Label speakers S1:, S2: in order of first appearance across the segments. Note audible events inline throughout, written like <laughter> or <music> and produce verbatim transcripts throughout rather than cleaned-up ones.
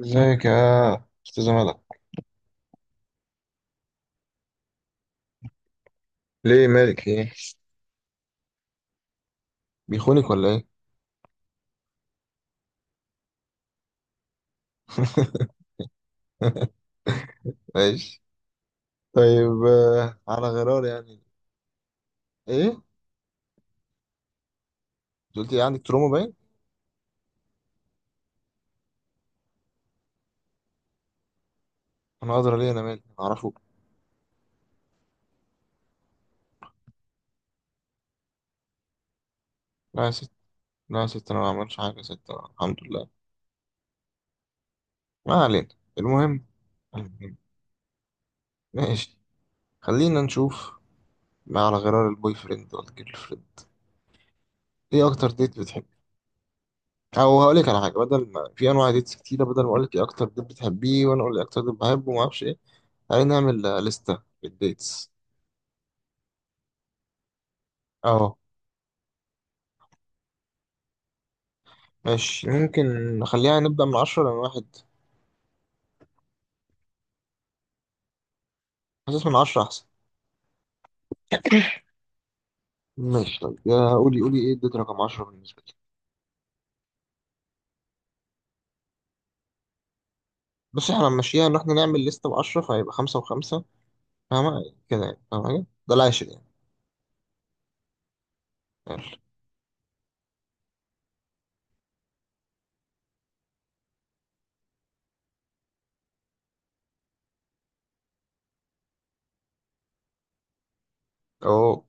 S1: ازيك يا استاذ ملك؟ ليه؟ مالك ايه؟ بيخونك ولا ايه؟ ماشي. طيب آه، على غرار يعني. ايه انت؟ قلت لي عندك تروما باين. انا ادرى؟ ليه؟ انا مالي؟ أنا اعرفه. لا يا ست. لا يا ست، انا ما بعملش حاجه يا ست. أنا الحمد لله. ما علينا. المهم المهم. ماشي. خلينا نشوف، ما على غرار البوي فريند والجيرل فريند، ايه اكتر ديت بتحب؟ او هقول لك على حاجه، بدل ما في انواع ديتس كتيره، بدل ما اقول لك ايه اكتر ديت بتحبيه وانا اقول لك إيه اكتر ديت بحبه وما اعرفش ايه. تعالي نعمل آه، لستة بالديتس. اه ماشي ممكن. نخليها نبدأ من عشرة لأن واحد. حاسس من عشرة أحسن. ماشي طيب، يا قولي قولي، إيه اديت رقم عشرة بالنسبة لي؟ بس إحنا هنمشيها إن إحنا نعمل لستة بعشرة فهيبقى خمسة وخمسة. فاهمة كده يعني؟ فاهمة حاجة؟ ده العاشر يعني. ماشي. أهو،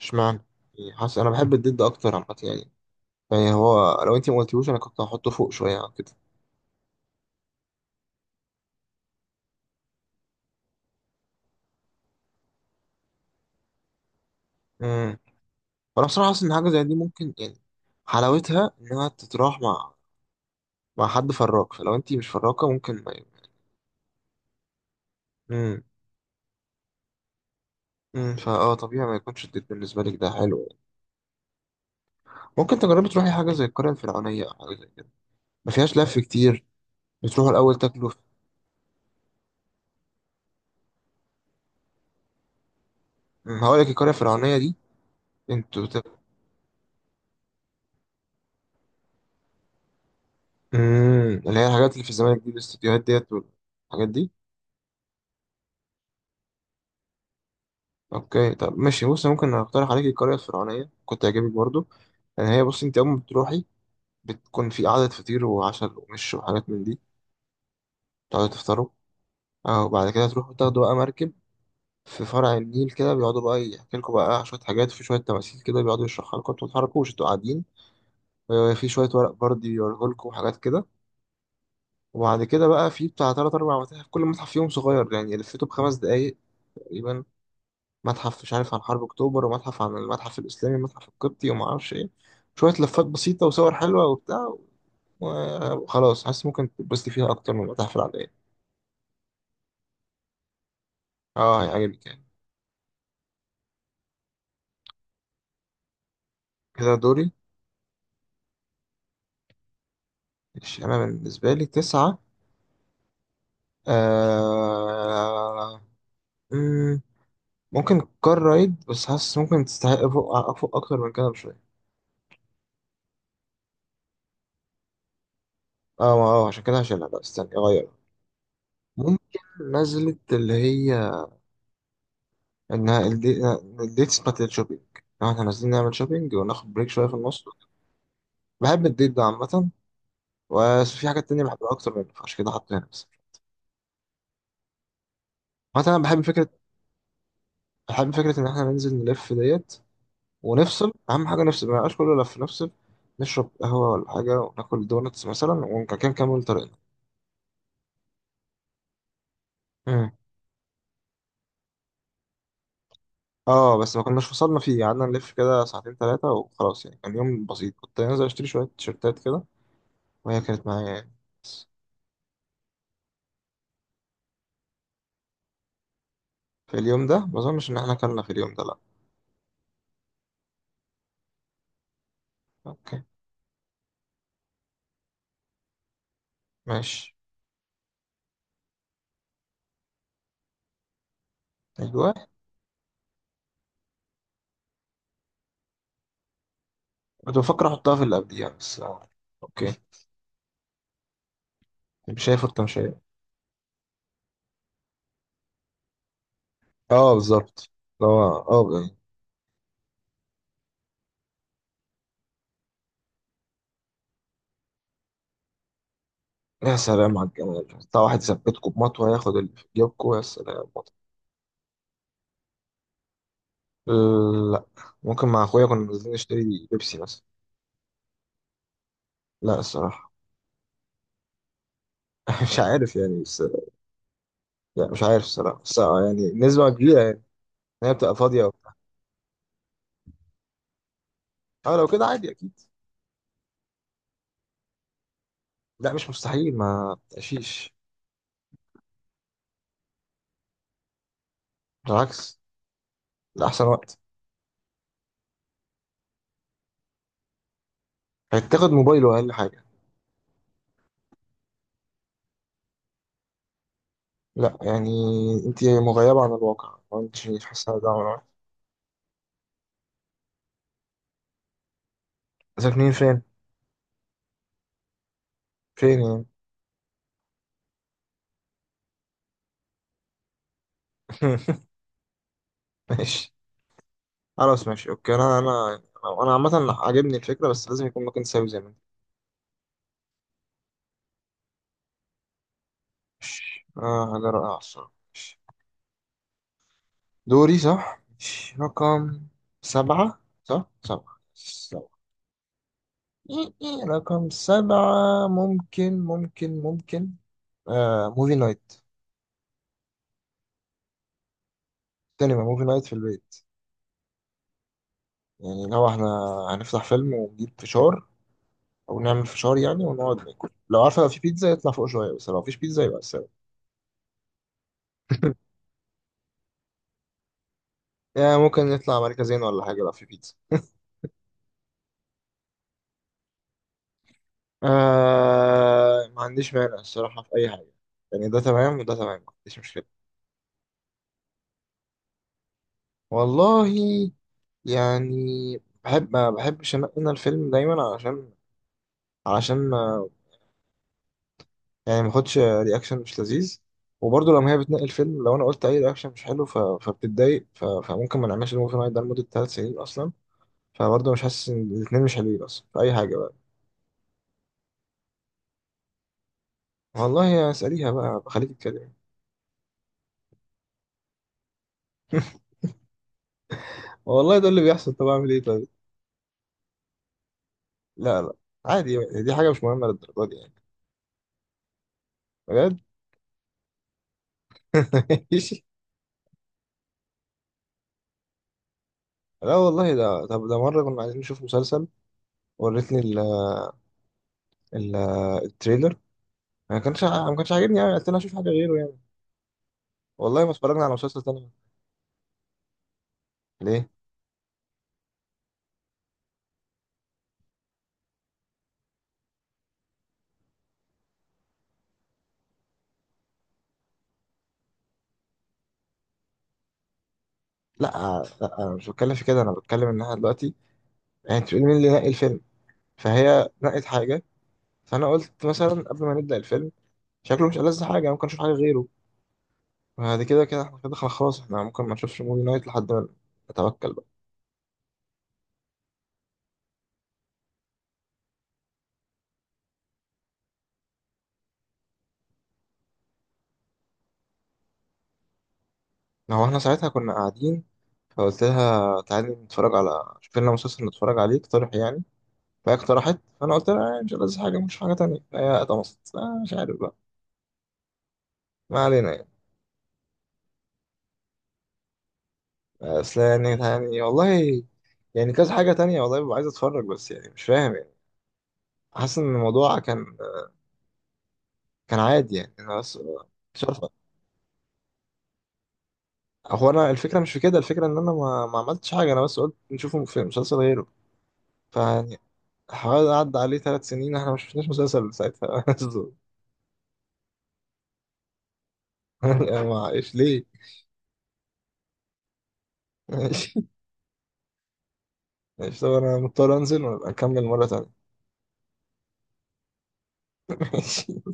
S1: إشمعنى؟ يعني حاسس أنا بحب الضد أكتر عامة يعني. يعني هو لو أنت ما قلتيهوش أنا كنت هحطه فوق شوية عن كده. أمم. وأنا بصراحة حاسس إن حاجة زي دي ممكن يعني. حلاوتها إنها تتراح مع مع حد فراك، فلو أنت مش فراكة ممكن ما. مم. امم فاه طبيعي ما يكونش الديت بالنسبه لك ده حلو يعني. ممكن تجربي تروحي حاجه زي القريه الفرعونيه او حاجه زي كده، ما فيهاش لف كتير. بتروحوا الاول تاكلوا في. أمم، هقول لك القريه الفرعونيه دي. انتوا بت. امم اللي هي الحاجات اللي في الزمالك دي، الاستوديوهات ديت والحاجات دي. اوكي طب ماشي بص، ممكن اقترح عليك القريه الفرعونيه، كنت هيعجبك برضو. لان هي بص انت اول ما بتروحي بتكون في قعده فطير وعشاء ومش وحاجات من دي. تقعدوا تفطروا، اه. وبعد كده تروحوا تاخدوا بقى مركب في فرع النيل كده، بيقعدوا بقى يحكي لكم بقى شوية حاجات، وفي شوية تماثيل كده بيقعدوا يشرحها لكم، انتوا ما تتحركوش، انتوا قاعدين. آه، في شوية ورق بردي يوريه لكم وحاجات كده. وبعد كده بقى في بتاع تلات أربع متاحف، كل متحف فيهم صغير يعني لفيته بخمس دقايق تقريبا. متحف مش عارف عن حرب أكتوبر، ومتحف عن المتحف الإسلامي، ومتحف القبطي، وما أعرفش إيه. شوية لفات بسيطة وصور حلوة وبتاع. وخلاص حاسس ممكن تتبسطي فيها أكتر من المتاحف العادية. اه هيعجبك يعني. كده دوري. ماشي. أنا بالنسبة لي تسعة. آه مم، ممكن كار رايد، بس حاسس ممكن تستحق فوق أفوق أكتر من كده بشوية. اه ما- اه عشان كده هشيلها، لا استنى أغيرها. ممكن. نزلت اللي هي، إنها الدي- الديتس بتاعت الشوبينج، لو احنا نازلين نعمل شوبينج وناخد بريك شوية في النص. بحب الديت ده عامة، بس في حاجات تانية بحبها أكتر منه فعشان كده حاطه هنا بس. مثلا أنا بحب فكرة، بحب فكرة إن احنا ننزل نلف ديت، ونفصل، أهم حاجة نفصل، ما يبقاش كله لف، نفصل، نشرب قهوة ولا حاجة وناكل دونتس مثلا ونكمل طريقنا. مم. اه بس ما كناش وصلنا فيه، قعدنا نلف كده ساعتين ثلاثة وخلاص يعني، كان يوم بسيط، كنت نازل اشتري شوية تيشيرتات كده، وهي كانت معايا يعني. بس. في اليوم ده ما اظنش ان احنا اكلنا في اليوم ده، لا. اوكي. ماشي. ايوه. كنت بفكر احطها في اللي قبليها بس آه، اوكي. مش هي فرقة، مش هي. اه بالظبط، اللي هو اه يعني. يا سلام على الجمال، بتاع واحد يثبتكم بمطوة ياخد اللي في جيبكم، يا سلام مطوة. لا. ممكن مع اخويا كنا نازلين نشتري بيبسي مثلا. لا الصراحة. <laughs> مش عارف يعني بس. يعني مش عارف الصراحة بس آه، يعني نسبة كبيرة يعني إن هي بتبقى فاضية وبتاع. اه لو كده عادي أكيد. لا مش مستحيل، ما تقشيش. بالعكس، ده أحسن وقت. هتاخد موبايله أقل حاجة. لا يعني، أنت مغيبة عن الواقع، ما أنتش مش حاسة ده ولا واحد. ساكنين فين؟ فين يعني؟ <laughs> ماشي. خلاص ماشي أوكي. أنا أنا أنا عامة عاجبني الفكرة بس لازم يكون مكان ساوي زي ما أنت. ماشي آه، حاجة رائعة الصراحة. ماشي. دوري صح؟ ماشي. رقم سبعة صح؟ سبعة. <laughs> رقم سبعة. ممكن ممكن ممكن آه موفي نايت. سينما موفي نايت في البيت. يعني لو احنا هنفتح فيلم ونجيب فشار او نعمل فشار يعني، ونقعد ناكل، لو عارفة لو في بيتزا يطلع فوق شوية، بس لو مفيش بيتزا يبقى السبب يعني ممكن نطلع مركزين ولا حاجة لو في بيتزا. آه ما عنديش مانع الصراحة في أي حاجة، يعني ده تمام وده تمام، ما عنديش مشكلة. والله يعني بحب، ما بحبش أنقي أنا الفيلم دايما علشان علشان يعني ما اخدش رياكشن مش لذيذ. وبرضه لما هي بتنقي الفيلم لو انا قلت اي رياكشن مش حلو، ف... فبتتضايق، ف... فممكن ما نعملش الموفي نايت ده لمده ثلاث سنين اصلا. فبرضه مش حاسس ان الاثنين مش حلوين اصلا في اي حاجه بقى. والله اساليها بقى بخليك تتكلم. <laughs> والله ده اللي بيحصل، طب اعمل ايه طيب؟ لا لا، عادي، دي حاجه مش مهمه للدرجه دي يعني، بجد. <laughs> ماشي. لا والله ده. طب ده مره كنا عايزين نشوف مسلسل، وريتني ال... ال... التريلر، ما كانش ما كانش عاجبني قوي، قلت لها اشوف حاجه غيره يعني. والله ما اتفرجنا على مسلسل تاني. ليه؟ لا لا، انا مش بتكلم في كده، انا بتكلم ان احنا دلوقتي، يعني انت بتقول مين اللي نقي الفيلم، فهي نقت حاجه، فانا قلت مثلا قبل ما نبدا الفيلم شكله مش ألذ حاجه، ممكن نشوف حاجه غيره. بعد كده كده احنا كده خلاص احنا ممكن ما نشوفش موفي نايت لحد ما نتوكل بقى. ما هو احنا ساعتها كنا قاعدين، فقلت لها تعالي نتفرج على، شوف لنا مسلسل نتفرج عليه، اقترح يعني، فهي اقترحت، فانا قلت لها آه، مش ألذ حاجه، مش حاجه تانية، فهي اتمصت آه، مش عارف بقى. ما علينا يعني. اصل يعني يعني والله، يعني كذا حاجة تانية والله ببقى عايز اتفرج بس، يعني مش فاهم يعني. حاسس ان الموضوع كان كان عادي يعني، انا بس مش عارف. هو انا الفكرة مش في كده، الفكرة ان انا ما, ما عملتش حاجة، انا بس قلت نشوفه في مسلسل غيره فيعني، حوالي عدى عليه ثلاث سنين احنا ما شفناش مسلسل ساعتها <laughs> يعني ما ايش ليه. ماشي. ماشي طب انا مضطر انزل وابقى اكمل مرة تانية. <laughs> ماشي